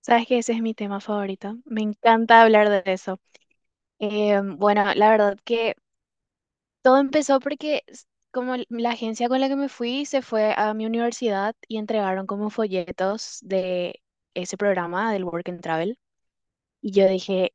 Sabes que ese es mi tema favorito. Me encanta hablar de eso. Bueno, la verdad que todo empezó porque como la agencia con la que me fui se fue a mi universidad y entregaron como folletos de ese programa del Work and Travel. Y yo dije,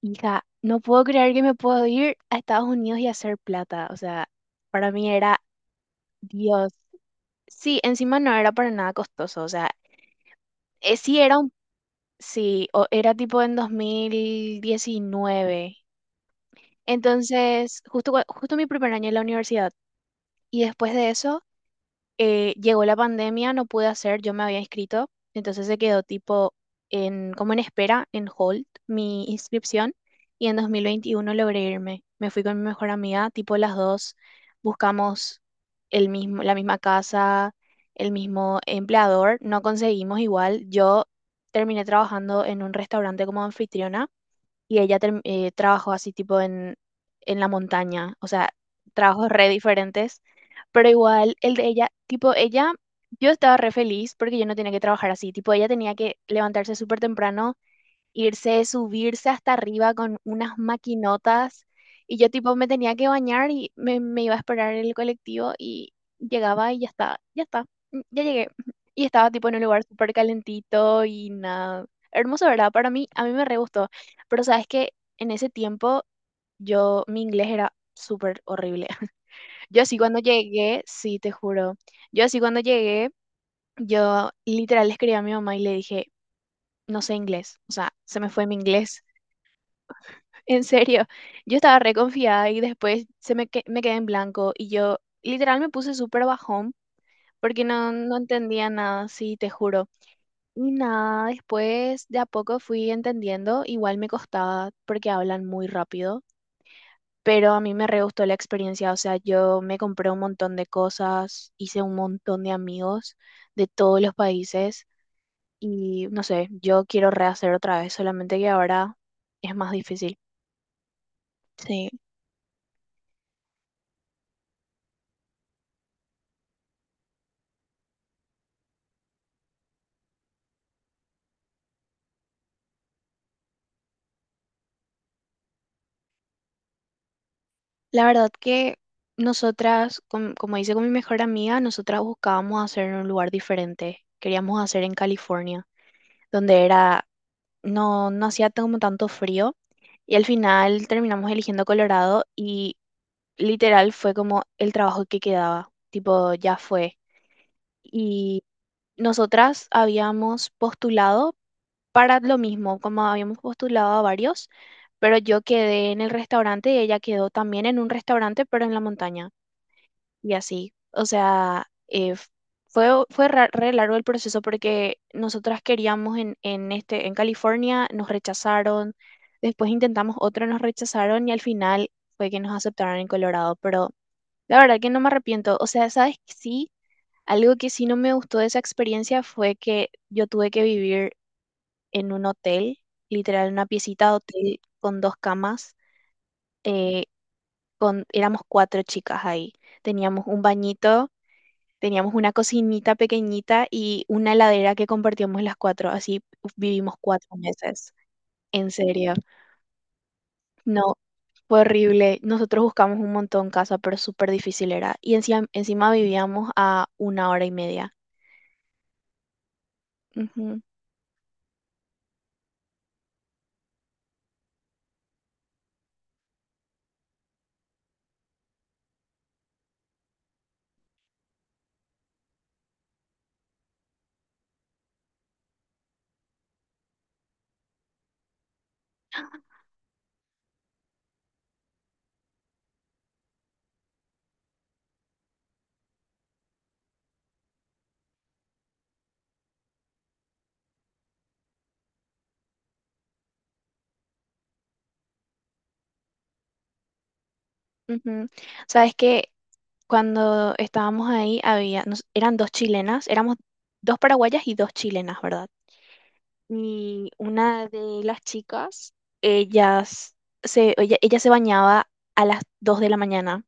hija, no puedo creer que me puedo ir a Estados Unidos y hacer plata. O sea, para mí era Dios. Sí, encima no era para nada costoso. O sea, sí era Sí, era tipo en 2019. Entonces, justo, justo mi primer año en la universidad. Y después de eso, llegó la pandemia, no pude hacer, yo me había inscrito. Entonces se quedó tipo en, como en espera, en hold, mi inscripción. Y en 2021 logré irme. Me fui con mi mejor amiga, tipo las dos. Buscamos el mismo, la misma casa, el mismo empleador. No conseguimos igual. Yo terminé trabajando en un restaurante como anfitriona y trabajó así tipo en la montaña, o sea, trabajos re diferentes, pero igual el de ella, tipo ella, yo estaba re feliz porque yo no tenía que trabajar así, tipo ella tenía que levantarse súper temprano, irse, subirse hasta arriba con unas maquinotas. Y yo tipo me tenía que bañar y me iba a esperar en el colectivo y llegaba y ya está, ya está, ya llegué. Y estaba tipo en un lugar súper calentito y nada. Hermoso, ¿verdad? Para mí, a mí me re gustó. Pero sabes que en ese tiempo yo, mi inglés era súper horrible. Yo así cuando llegué, sí, te juro. Yo así cuando llegué, yo literal le escribí a mi mamá y le dije, no sé inglés. O sea, se me fue mi inglés. En serio, yo estaba reconfiada y después se me, me quedé en blanco y yo literal me puse súper bajón porque no, no entendía nada, sí, te juro. Y nada, después de a poco fui entendiendo, igual me costaba porque hablan muy rápido, pero a mí me re gustó la experiencia, o sea, yo me compré un montón de cosas, hice un montón de amigos de todos los países y no sé, yo quiero rehacer otra vez, solamente que ahora es más difícil. Sí. La verdad que nosotras, como hice con mi mejor amiga, nosotras buscábamos hacer en un lugar diferente. Queríamos hacer en California, donde era, no, no hacía como tanto frío. Y al final terminamos eligiendo Colorado y literal fue como el trabajo que quedaba. Tipo, ya fue. Y nosotras habíamos postulado para lo mismo, como habíamos postulado a varios, pero yo quedé en el restaurante y ella quedó también en un restaurante, pero en la montaña, y así. O sea, fue re largo el proceso porque nosotras queríamos en, este, en California, nos rechazaron, después intentamos otro, nos rechazaron y al final fue que nos aceptaron en Colorado. Pero la verdad que no me arrepiento. O sea, ¿sabes qué? Sí, algo que sí no me gustó de esa experiencia fue que yo tuve que vivir en un hotel, literal, una piecita de hotel con dos camas. eh, con, éramos cuatro chicas ahí. Teníamos un bañito. Teníamos una cocinita pequeñita y una heladera que compartíamos las cuatro, así vivimos cuatro meses. En serio, no, fue horrible. Nosotros buscamos un montón casa, pero súper difícil era. Y encima, encima vivíamos a una hora y media. Ujú, ujú. Sabes que cuando estábamos ahí había, eran dos chilenas, éramos dos paraguayas y dos chilenas, ¿verdad? Y una de las chicas, ellas ella se bañaba a las 2 de la mañana.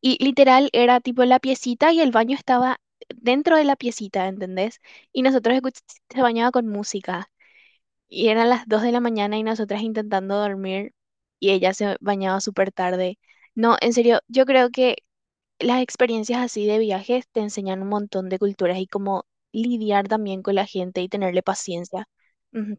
Y literal era tipo la piecita y el baño estaba dentro de la piecita, ¿entendés? Y se bañaba con música. Y eran las 2 de la mañana y nosotras intentando dormir y ella se bañaba súper tarde. No, en serio, yo creo que las experiencias así de viajes te enseñan un montón de culturas y cómo lidiar también con la gente y tenerle paciencia. Ujú.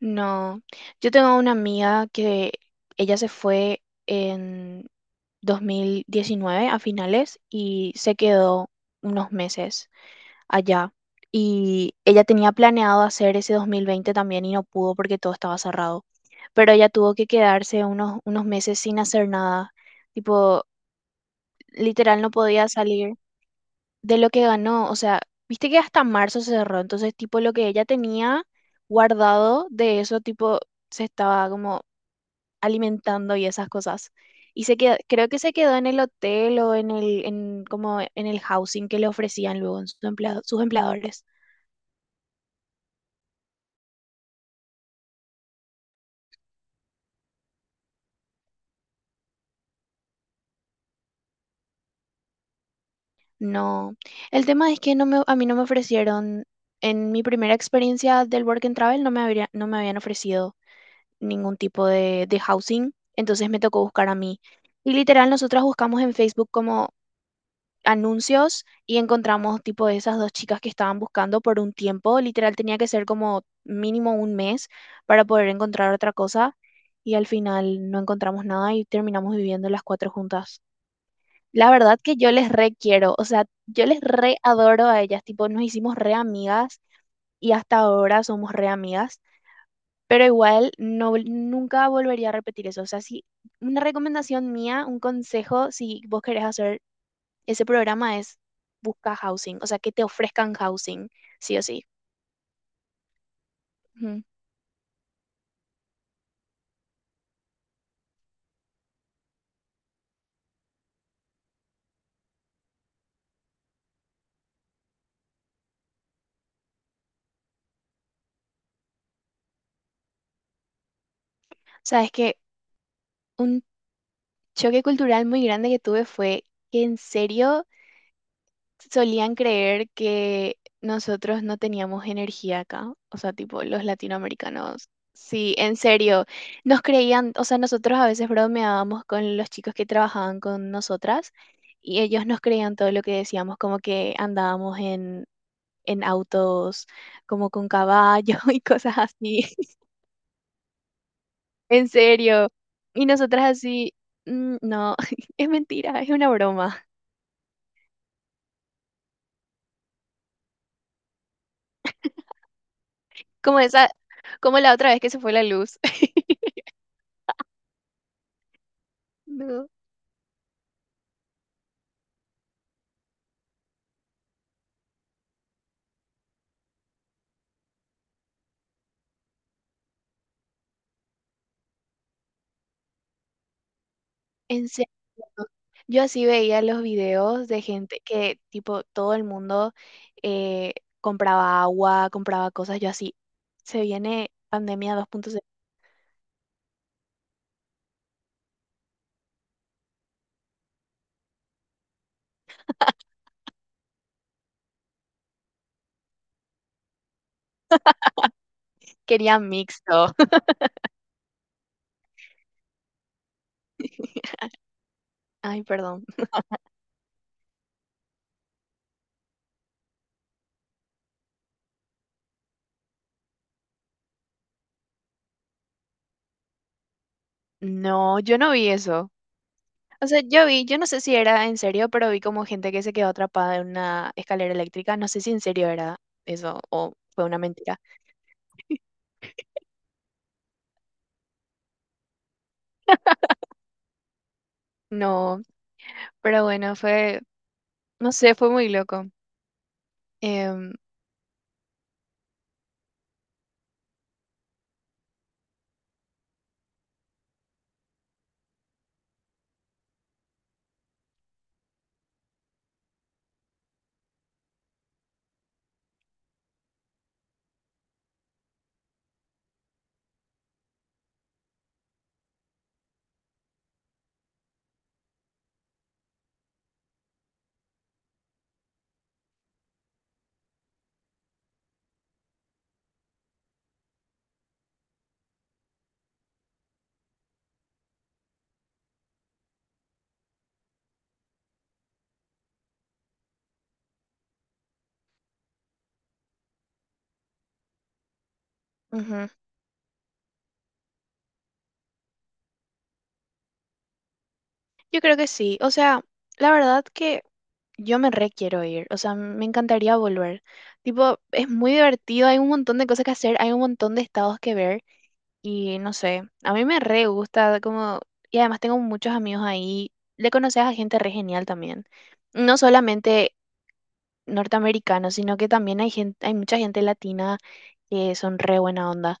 No, yo tengo una amiga que ella se fue 2019 a finales y se quedó unos meses allá. Y ella tenía planeado hacer ese 2020 también y no pudo porque todo estaba cerrado. Pero ella tuvo que quedarse unos meses sin hacer nada. Tipo, literal no podía salir de lo que ganó. O sea, viste que hasta marzo se cerró. Entonces, tipo, lo que ella tenía guardado de eso, tipo, se estaba como alimentando y esas cosas. Y creo que se quedó en el hotel o en el, en, como en el housing que le ofrecían luego en su sus empleadores. No, el tema es que no me, a mí no me ofrecieron, en mi primera experiencia del Work and Travel no me no me habían ofrecido ningún tipo de housing, entonces me tocó buscar a mí. Y literal, nosotras buscamos en Facebook como anuncios y encontramos tipo de esas dos chicas que estaban buscando por un tiempo, literal tenía que ser como mínimo un mes para poder encontrar otra cosa y al final no encontramos nada y terminamos viviendo las cuatro juntas. La verdad que yo les re quiero, o sea, yo les re adoro a ellas, tipo nos hicimos re amigas y hasta ahora somos re amigas. Pero igual no, nunca volvería a repetir eso. O sea, si una recomendación mía, un consejo, si vos querés hacer ese programa es busca housing, o sea, que te ofrezcan housing, sí o sí. Ujú. O sea, es que un choque cultural muy grande que tuve fue que en serio solían creer que nosotros no teníamos energía acá, o sea, tipo los latinoamericanos. Sí, en serio, nos creían, o sea, nosotros a veces bromeábamos con los chicos que trabajaban con nosotras y ellos nos creían todo lo que decíamos, como que andábamos en autos como con caballo y cosas así, en serio. Y nosotras así, "Mm, no, es mentira, es una broma. Como esa, como la otra vez que se fue la luz. No, en serio. Yo así veía los videos de gente que, tipo, todo el mundo eh, compraba agua, compraba cosas. Yo así, se viene pandemia 2.0. Quería mixto. Ay, perdón. No, yo no vi eso. O sea, yo vi, yo no sé si era en serio, pero vi como gente que se quedó atrapada en una escalera eléctrica. No sé si en serio era eso o fue una mentira. No, pero bueno, fue, no sé, fue muy loco. Em, ujú. Yo creo que sí. O sea, la verdad que yo me re quiero ir. O sea, me encantaría volver. Tipo, es muy divertido, hay un montón de cosas que hacer, hay un montón de estados que ver. Y no sé, a mí me re gusta como, y además tengo muchos amigos ahí, le conoces a gente re genial también. No solamente norteamericanos, sino que también hay gente, hay mucha gente latina que son re buena onda.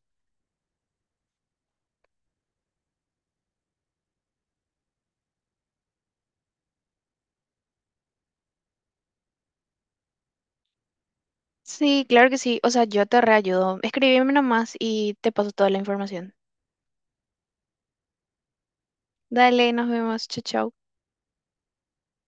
Sí, claro que sí, o sea, yo te reayudo. Escríbeme nomás y te paso toda la información. Dale, nos vemos, chau, chau.